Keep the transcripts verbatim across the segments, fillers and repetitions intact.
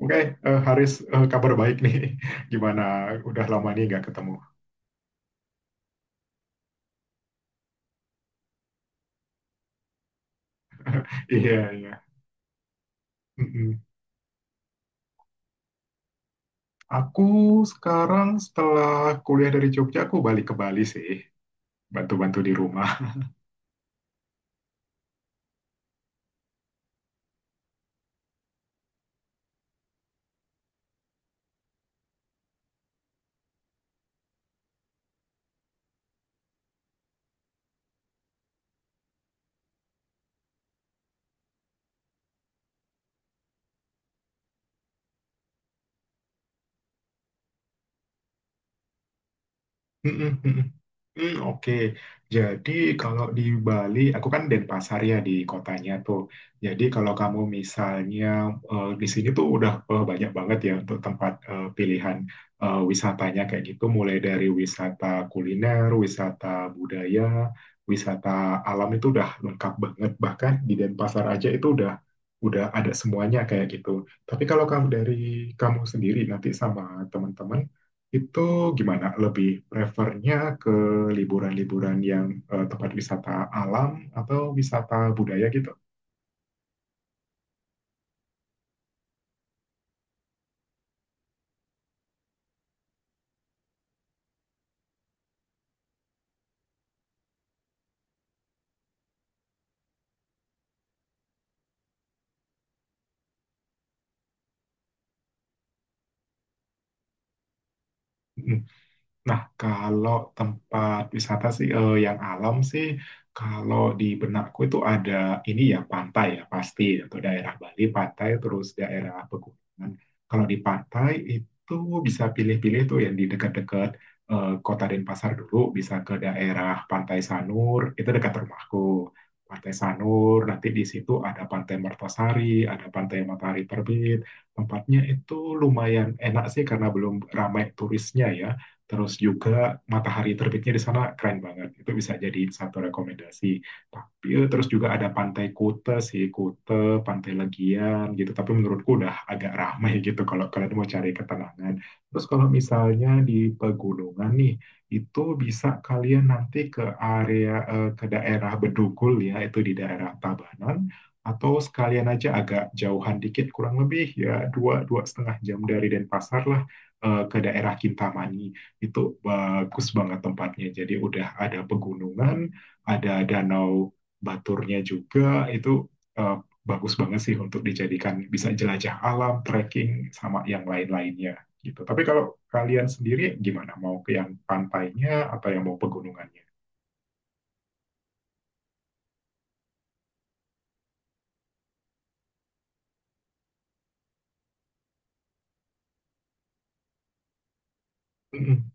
Oke, eh, Haris, eh, kabar baik nih. Gimana? Udah lama nih nggak ketemu. Iya, iya. Mm-mm. Aku sekarang setelah kuliah dari Jogja, aku balik ke Bali sih. Bantu-bantu di rumah. Mm-mm, mm-mm. Hmm, Oke, jadi kalau di Bali, aku kan Denpasar ya di kotanya tuh. Jadi kalau kamu misalnya eh, di sini tuh udah eh, banyak banget ya untuk tempat eh, pilihan eh, wisatanya kayak gitu, mulai dari wisata kuliner, wisata budaya, wisata alam itu udah lengkap banget. Bahkan di Denpasar aja itu udah udah ada semuanya kayak gitu. Tapi kalau kamu dari kamu sendiri nanti sama teman-teman itu gimana? Lebih prefernya ke liburan-liburan yang eh, tempat wisata alam atau wisata budaya gitu? Hmm. Nah, kalau tempat wisata sih eh, yang alam sih, kalau di benakku itu ada ini ya pantai ya pasti atau daerah Bali pantai terus daerah pegunungan. Kalau di pantai itu bisa pilih-pilih tuh yang di dekat-dekat eh, Kota Denpasar dulu, bisa ke daerah Pantai Sanur, itu dekat rumahku. Pantai Sanur, nanti di situ ada Pantai Mertasari, ada Pantai Matahari Terbit. Tempatnya itu lumayan enak sih karena belum ramai turisnya ya. Terus juga matahari terbitnya di sana keren banget. Itu bisa jadi satu rekomendasi. Tapi eh, terus juga ada Pantai Kuta sih, Kuta, Pantai Legian gitu. Tapi menurutku udah agak ramai gitu kalau kalian mau cari ketenangan. Terus kalau misalnya di pegunungan nih, itu bisa kalian nanti ke area eh, ke daerah Bedugul ya, itu di daerah Tabanan atau sekalian aja agak jauhan dikit kurang lebih ya dua dua setengah jam dari Denpasar lah, eh, ke daerah Kintamani itu bagus banget tempatnya. Jadi udah ada pegunungan, ada danau Baturnya juga. Itu eh, bagus banget sih untuk dijadikan bisa jelajah alam, trekking sama yang lain-lainnya gitu. Tapi kalau kalian sendiri gimana? Mau ke yang pantainya atau yang mau pegunungannya? Mm-mm.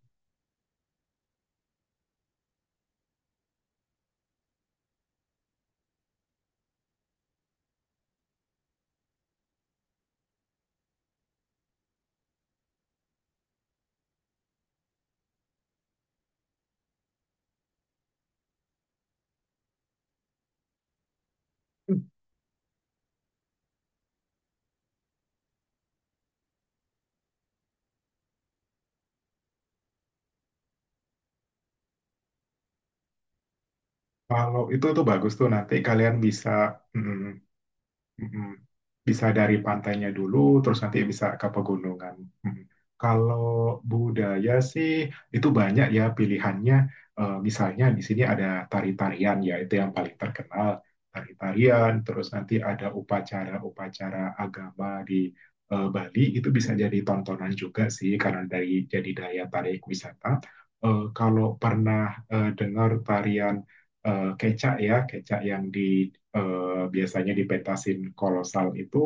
Kalau itu tuh bagus tuh nanti kalian bisa. Mm-mm. Bisa dari pantainya dulu, terus nanti bisa ke pegunungan. Mm. Kalau budaya sih itu banyak ya pilihannya. Eh, misalnya di sini ada tari-tarian ya, itu yang paling terkenal. Tari-tarian, terus nanti ada upacara-upacara agama di eh, Bali itu bisa jadi tontonan juga sih karena dari jadi daya tarik wisata. Eh, kalau pernah eh, dengar tarian eh, kecak ya, kecak yang di eh, biasanya dipetasin kolosal itu,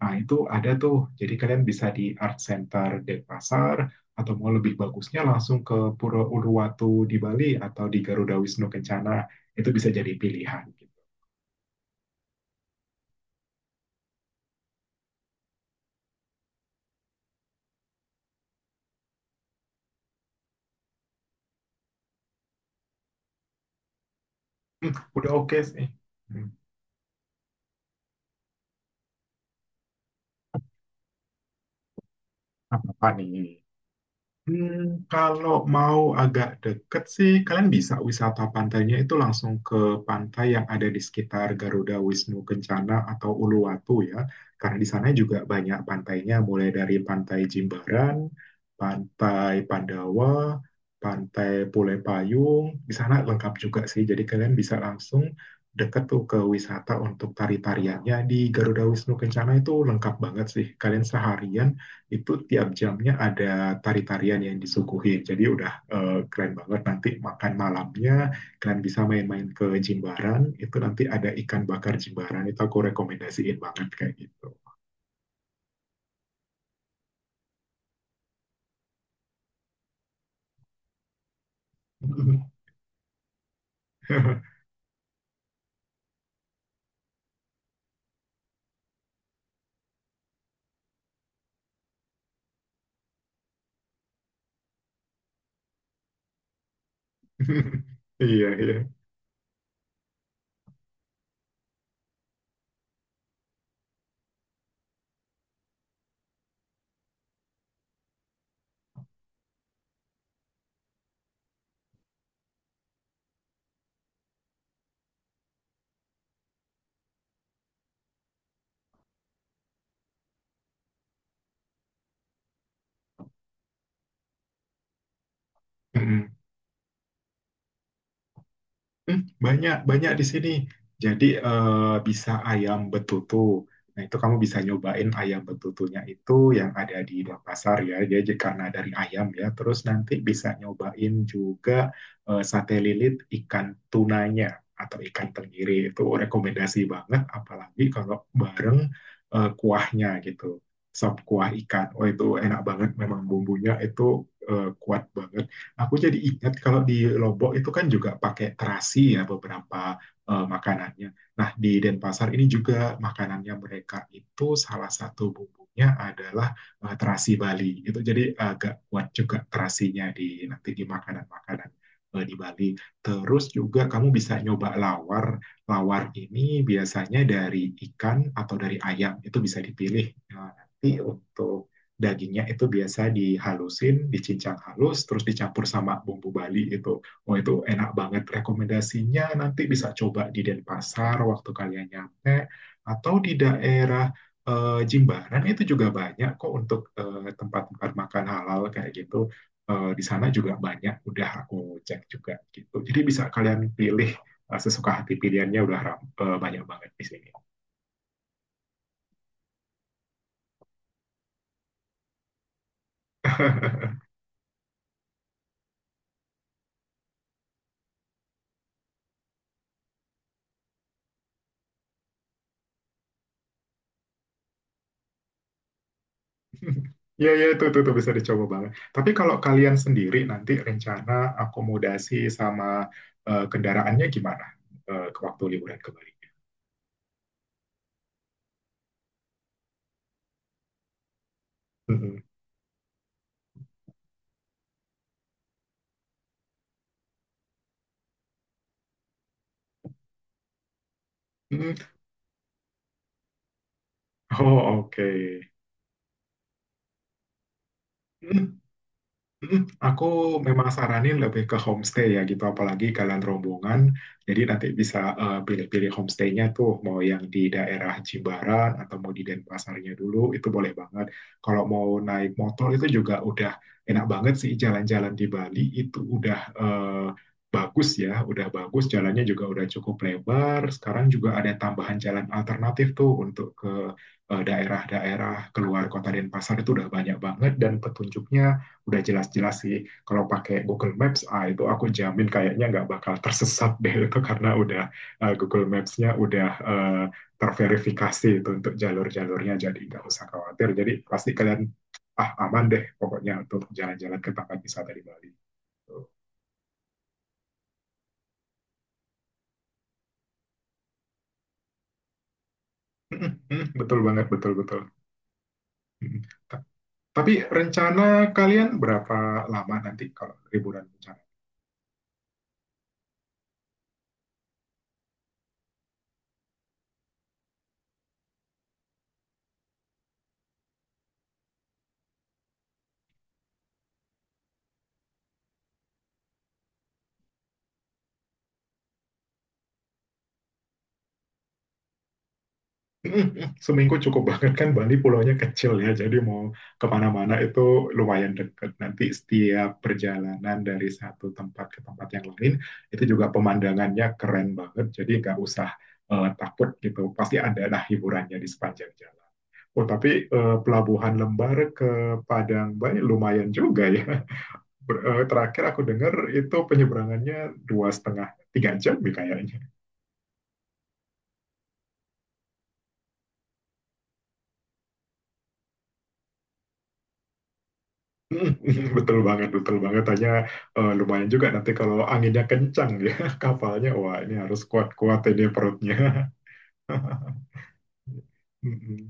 nah itu ada tuh. Jadi kalian bisa di Art Center Denpasar atau mau lebih bagusnya langsung ke Pura Uluwatu di Bali atau di Garuda Wisnu Kencana itu bisa jadi pilihan. Gitu. Udah oke sih. Hmm, apa nih? Hmm, kalau mau agak deket sih, kalian bisa wisata pantainya itu langsung ke pantai yang ada di sekitar Garuda Wisnu Kencana atau Uluwatu ya. Karena di sana juga banyak pantainya, mulai dari Pantai Jimbaran, Pantai Pandawa, Pantai Pule Payung. Di sana lengkap juga sih, jadi kalian bisa langsung deket tuh ke wisata untuk tari-tariannya di Garuda Wisnu Kencana itu lengkap banget sih. Kalian seharian itu tiap jamnya ada tari-tarian yang disuguhin. Jadi udah eh, keren banget, nanti makan malamnya kalian bisa main-main ke Jimbaran, itu nanti ada ikan bakar Jimbaran itu aku rekomendasiin banget kayak gitu. Iya, iya. Mm-mm. Hmm, banyak banyak di sini. Jadi eh, bisa ayam betutu. Nah itu kamu bisa nyobain ayam betutunya itu yang ada di Denpasar ya. Jadi karena dari ayam ya. Terus nanti bisa nyobain juga eh, sate lilit ikan tunanya atau ikan tenggiri, itu rekomendasi banget. Apalagi kalau bareng eh, kuahnya gitu. Sop kuah ikan. Oh itu enak banget. Memang bumbunya itu eh, kuat banget. Aku jadi ingat kalau di Lombok itu kan juga pakai terasi ya beberapa eh, makanannya. Nah, di Denpasar ini juga makanannya mereka itu salah satu bumbunya adalah eh, terasi Bali. Itu jadi agak kuat juga terasinya di nanti di makanan-makanan eh, di Bali. Terus juga kamu bisa nyoba lawar. Lawar ini biasanya dari ikan atau dari ayam. Itu bisa dipilih. Nah, nanti untuk dagingnya itu biasa dihalusin, dicincang halus, terus dicampur sama bumbu Bali itu. Oh itu enak banget rekomendasinya. Nanti bisa coba di Denpasar waktu kalian nyampe atau di daerah eh, Jimbaran itu juga banyak kok untuk eh, tempat-tempat makan halal kayak gitu. Eh, di sana juga banyak. Udah aku cek juga gitu. Jadi bisa kalian pilih eh, sesuka hati, pilihannya udah ram- eh, banyak banget di sini. Iya, iya, itu, itu, itu bisa dicoba banget. Tapi kalau kalian sendiri nanti rencana akomodasi sama eh, kendaraannya gimana eh, ke waktu liburan ke Bali? Mm-mm. Mm. Oh, oke. Mm, Aku memang saranin lebih ke homestay ya gitu, apalagi kalian rombongan. Jadi nanti bisa eh, pilih-pilih homestaynya tuh, mau yang di daerah Jimbaran atau mau di Denpasarnya dulu, itu boleh banget. Kalau mau naik motor itu juga udah enak banget sih, jalan-jalan di Bali itu udah eh, bagus ya, udah bagus, jalannya juga udah cukup lebar. Sekarang juga ada tambahan jalan alternatif tuh untuk ke eh, daerah-daerah keluar kota Denpasar itu udah banyak banget dan petunjuknya udah jelas-jelas sih, kalau pakai Google Maps ah itu aku jamin kayaknya nggak bakal tersesat deh itu, karena udah eh, Google Maps-nya udah eh, terverifikasi itu untuk jalur-jalurnya, jadi nggak usah khawatir, jadi pasti kalian ah aman deh pokoknya untuk jalan-jalan ke tempat wisata di Bali tuh. Betul banget, betul, betul. Tapi rencana kalian berapa lama nanti kalau liburan? Seminggu cukup banget, kan Bali pulaunya kecil ya, jadi mau kemana-mana itu lumayan dekat. Nanti setiap perjalanan dari satu tempat ke tempat yang lain itu juga pemandangannya keren banget, jadi nggak usah eh, takut gitu. Pasti ada lah hiburannya di sepanjang jalan. Oh tapi eh, Pelabuhan Lembar ke Padang Bay lumayan juga ya. Ber- eh, terakhir aku dengar itu penyeberangannya dua setengah tiga jam ya kayaknya. Mm, Betul banget, betul banget. Hanya eh, lumayan juga nanti kalau anginnya kencang ya kapalnya. Wah, ini harus kuat-kuat ini perutnya. Mm-mm.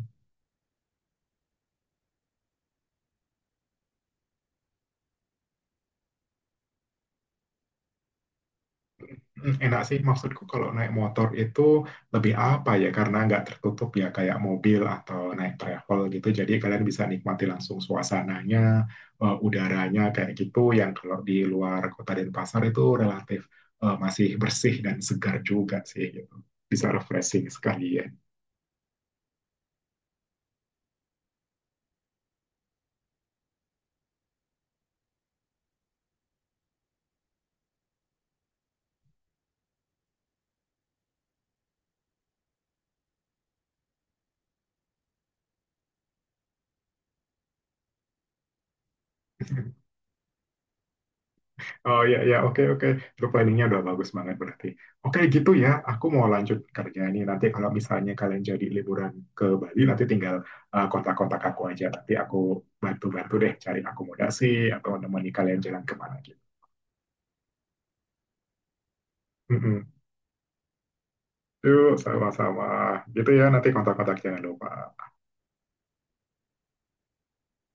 Mm, Enak sih maksudku kalau naik motor itu lebih apa ya, karena nggak tertutup ya kayak mobil atau naik travel gitu. Jadi kalian bisa nikmati langsung suasananya, eh, udaranya kayak gitu. Yang kalau di luar kota Denpasar itu relatif eh, masih bersih dan segar juga sih gitu. Bisa refreshing sekalian. Oh, ya, ya, oke, oke. Itu planningnya udah bagus banget berarti. Oke gitu ya, aku mau lanjut kerja ini. Nanti kalau misalnya kalian jadi liburan ke Bali, nanti tinggal uh, kontak-kontak aku aja. Nanti aku bantu-bantu deh cari akomodasi atau nemani kalian jalan kemana gitu. Mm-mm. Yuk sama-sama. Gitu ya, nanti kontak-kontak jangan lupa.